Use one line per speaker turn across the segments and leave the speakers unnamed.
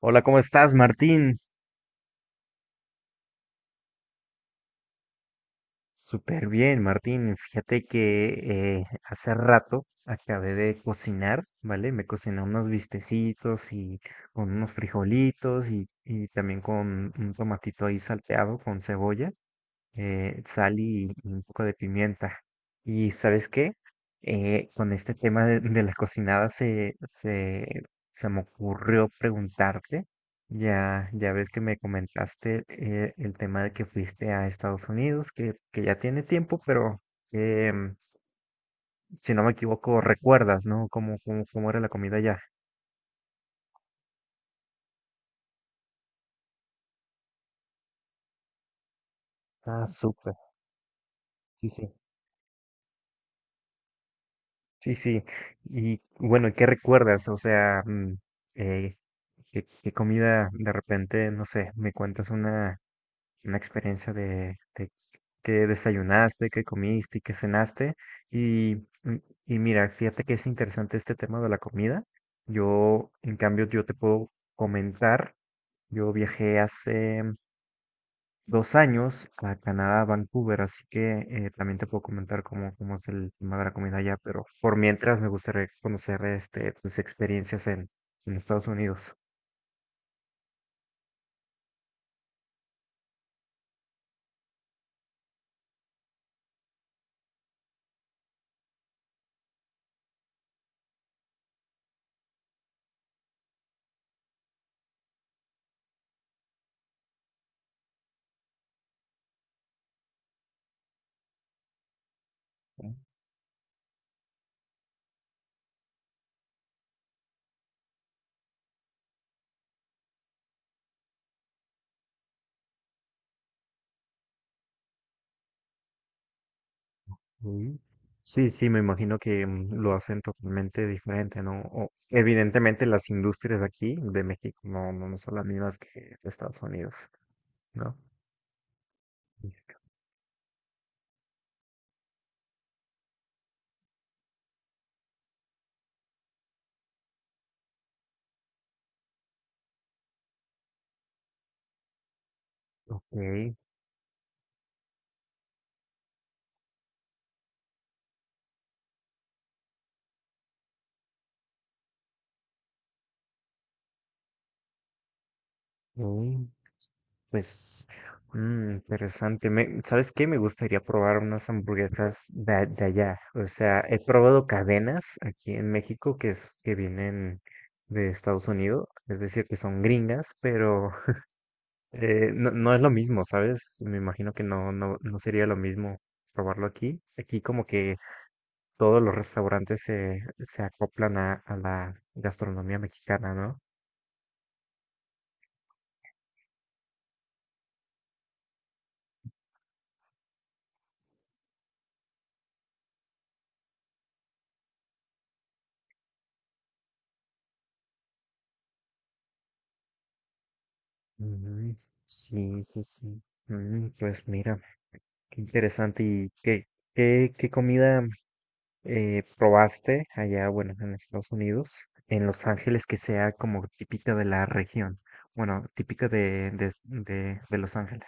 Hola, ¿cómo estás, Martín? Súper bien, Martín. Fíjate que hace rato acabé de cocinar, ¿vale? Me cociné unos bistecitos y con unos frijolitos y también con un tomatito ahí salteado con cebolla. Eh, sal y un poco de pimienta. Y ¿sabes qué? Con este tema de la cocinada se me ocurrió preguntarte, ya ves que me comentaste el tema de que fuiste a Estados Unidos, que ya tiene tiempo, pero eh, si no me equivoco, recuerdas, ¿no? ¿Cómo, cómo, cómo era la comida allá? Ah, súper. Sí, sí. Sí, sí. Y bueno, ¿qué recuerdas? O sea, eh, ¿qué, qué comida de repente, no sé, me cuentas una experiencia de qué desayunaste, qué comiste y qué cenaste? Y, mm, y mira, fíjate que es interesante este tema de la comida. Yo, en cambio, yo te puedo comentar, yo viajé hace 2 años a Canadá, a Vancouver, así que también te puedo comentar cómo, cómo es el tema de la comida allá, pero por mientras me gustaría conocer este, tus experiencias en Estados Unidos. Ujú. Sí, sí, me imagino que lo hacen totalmente diferente, ¿no? O, evidentemente las industrias de aquí, de México, no, no son las mismas que de Estados Unidos, ¿no? Ok, ok. Pues, interesante. Me- ¿sabes qué? Me gustaría probar unas hamburguesas de, a- de allá. O sea, he probado cadenas aquí en México que, es, que vienen de Estados Unidos, es decir, que son gringas, pero no, no es lo mismo, ¿sabes? Me imagino que no, no, no sería lo mismo probarlo aquí. Aquí como que todos los restaurantes se acoplan a la gastronomía mexicana, ¿no? Ujú. Sí, sí, sí. Mm, pues mira. Qué interesante. ¿Y qué, qué, qué comida probaste allá, bueno, en Estados Unidos, en Los Ángeles, que sea como típica de la región? Bueno, típica de Los Ángeles.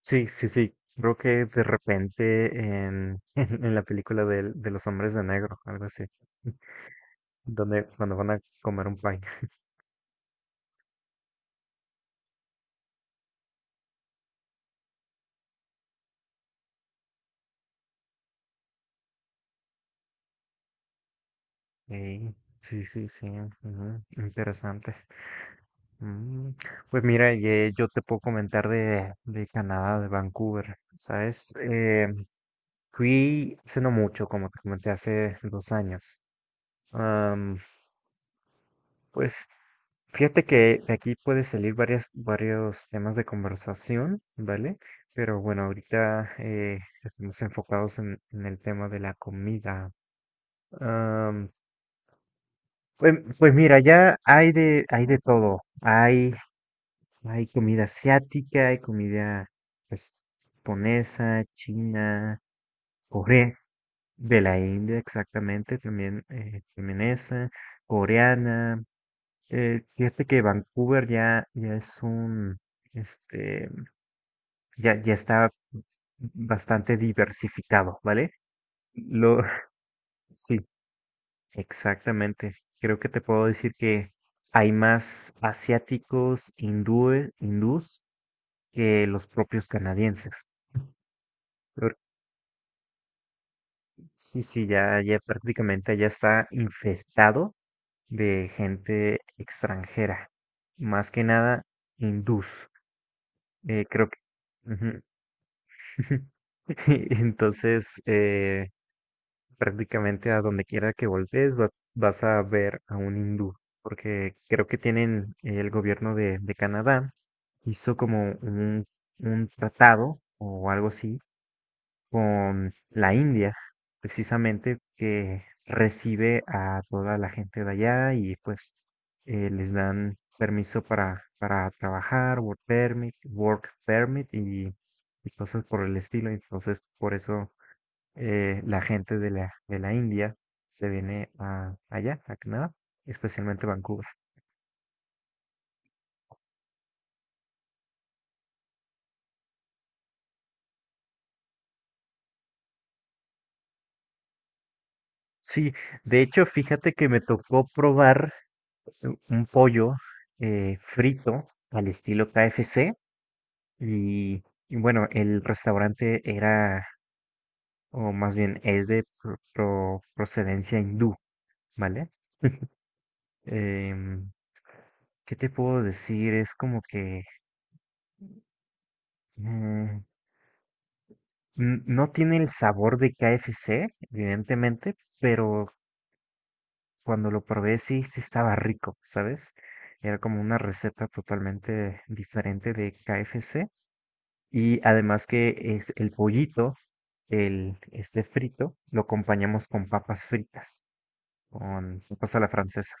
Sí, sí, sí. Creo que de repente en, en, la película del- de, los hombres de negro, algo así, donde, cuando van a comer un pie. Ey, sí, sí, sí. Ujú, interesante. Mm, Pues mira, ye- yo te puedo comentar de Canadá, de Vancouver, ¿sabes? Fui hace no mucho, como te comenté, hace 2 años. Am, pues fíjate que de aquí puede salir varias, varios temas de conversación, ¿vale? Pero bueno, ahorita estamos enfocados en el tema de la comida. Am, pues, pues mira, ya hay de todo. Hay comida asiática, hay comida pues, japonesa, china, corea, de la India exactamente, también, también esa, coreana. Fíjate que Vancouver ya, ya es un, este, ya, ya está bastante diversificado, ¿vale? Lo, sí, exactamente. Creo que te puedo decir que hay más asiáticos, hindúes, hindús que los propios canadienses. Sí, sí, ya, ya prácticamente ya está infestado de gente extranjera, más que nada hindús. Creo que... Ujú. Entonces, prácticamente a donde quiera que voltees va- vas a ver a un hindú, porque creo que tienen el gobierno de Canadá hizo como un tratado o algo así con la India, precisamente que recibe a toda la gente de allá y pues les dan permiso para trabajar, work permit y cosas por el estilo. Entonces, por eso la gente de la India se viene a, allá, a Canadá, especialmente Vancouver. Sí, de hecho, fíjate que me tocó probar un pollo frito al estilo KFC. Y, y bueno, el restaurante era, o más bien es de pro- pro- procedencia hindú, ¿vale? Em, ¿qué te puedo decir? Es como que mm, n- no tiene el sabor de KFC, evidentemente, pero cuando lo probé sí, sí estaba rico, ¿sabes? Era como una receta totalmente diferente de KFC. Y además que es el pollito, el, este frito, lo acompañamos con papas fritas, con papas a la francesa.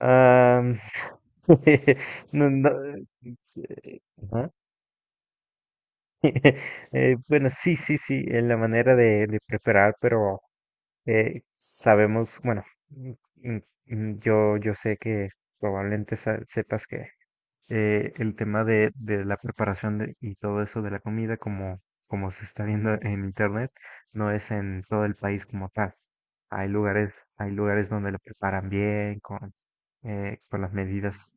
Ah, no, no, ajá. Bueno, sí, sí, sí, es la manera de preparar, pero sabemos, bueno, mm, mm, yo, yo sé que probablemente sa- sepas que el tema de la preparación de- y todo eso de la comida, como, como se está viendo en internet, no es en todo el país como tal. Hay lugares donde la preparan bien, con las medidas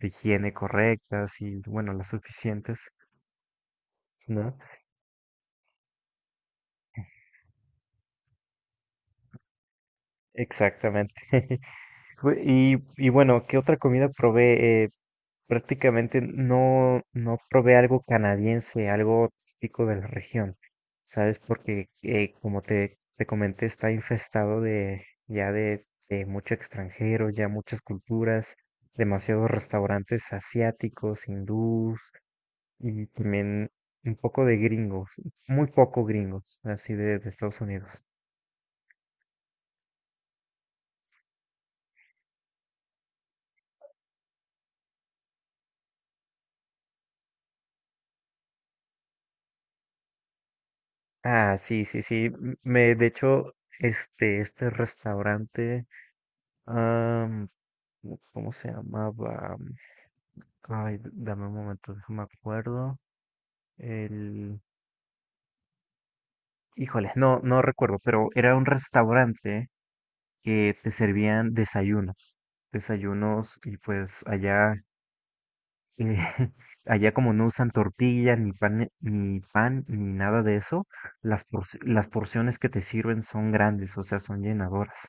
de higiene correctas y, bueno, las suficientes, ¿no? Exactamente. Bu- Y, y bueno, ¿qué otra comida probé? Prácticamente no, no probé algo canadiense, algo típico de la región, ¿sabes? Porque como te comenté, está infestado de ya de mucho extranjero, ya muchas culturas, demasiados restaurantes asiáticos, hindús y también un poco de gringos, muy poco gringos, así de Estados Unidos. Ah, sí, sí, sí. m- Me, de hecho, este restaurante, am, ¿cómo cómo se llamaba? Ay, d- dame un momento, déjame acuerdo. El, híjole, no, no recuerdo, pero era un restaurante que te servían desayunos, desayunos y pues allá, allá como no usan tortilla ni pan, ni pan ni nada de eso, las porci- las porciones que te sirven son grandes, o sea, son llenadoras.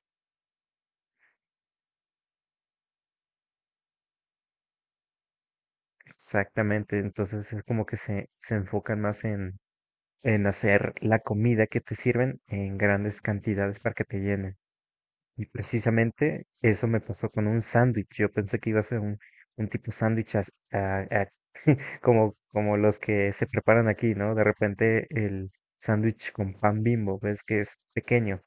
Exactamente, entonces es como que se enfocan más en hacer la comida que te sirven en grandes cantidades para que te llenen. Y precisamente eso me pasó con un sándwich. Yo pensé que iba a ser un tipo sándwich as- a- como, como los que se preparan aquí, ¿no? De repente el sándwich con pan Bimbo, ves que es pequeño.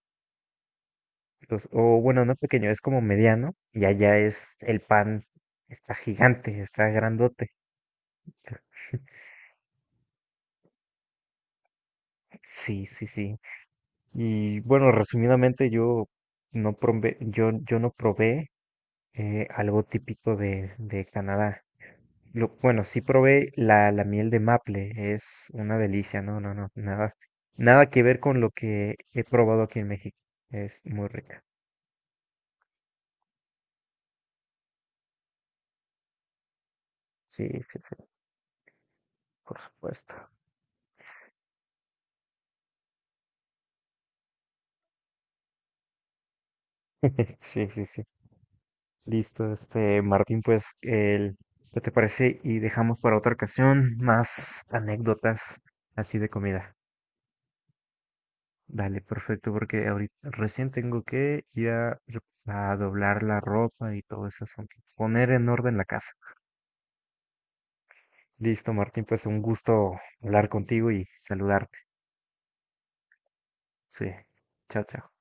Entonces, o bueno, no pequeño, es como mediano y allá es el pan, está gigante, está grandote. Sí, sí, sí. Y bueno, resumidamente, yo no probé, yo no probé algo típico de Canadá. Lo- bueno, sí probé la, la miel de maple, es una delicia, no, no, no, nada, nada que ver con lo que he probado aquí en México. Es muy rica. Sí, sí, sí, por supuesto. Sí, sí, sí. Listo, este, Martín, pues, el, ¿qué te parece? Y dejamos para otra ocasión más anécdotas así de comida. Dale, perfecto, porque ahorita recién tengo que ir a doblar la ropa y todo eso, poner en orden la casa. Listo, Martín, pues un gusto hablar contigo y saludarte. Sí, chao, chao.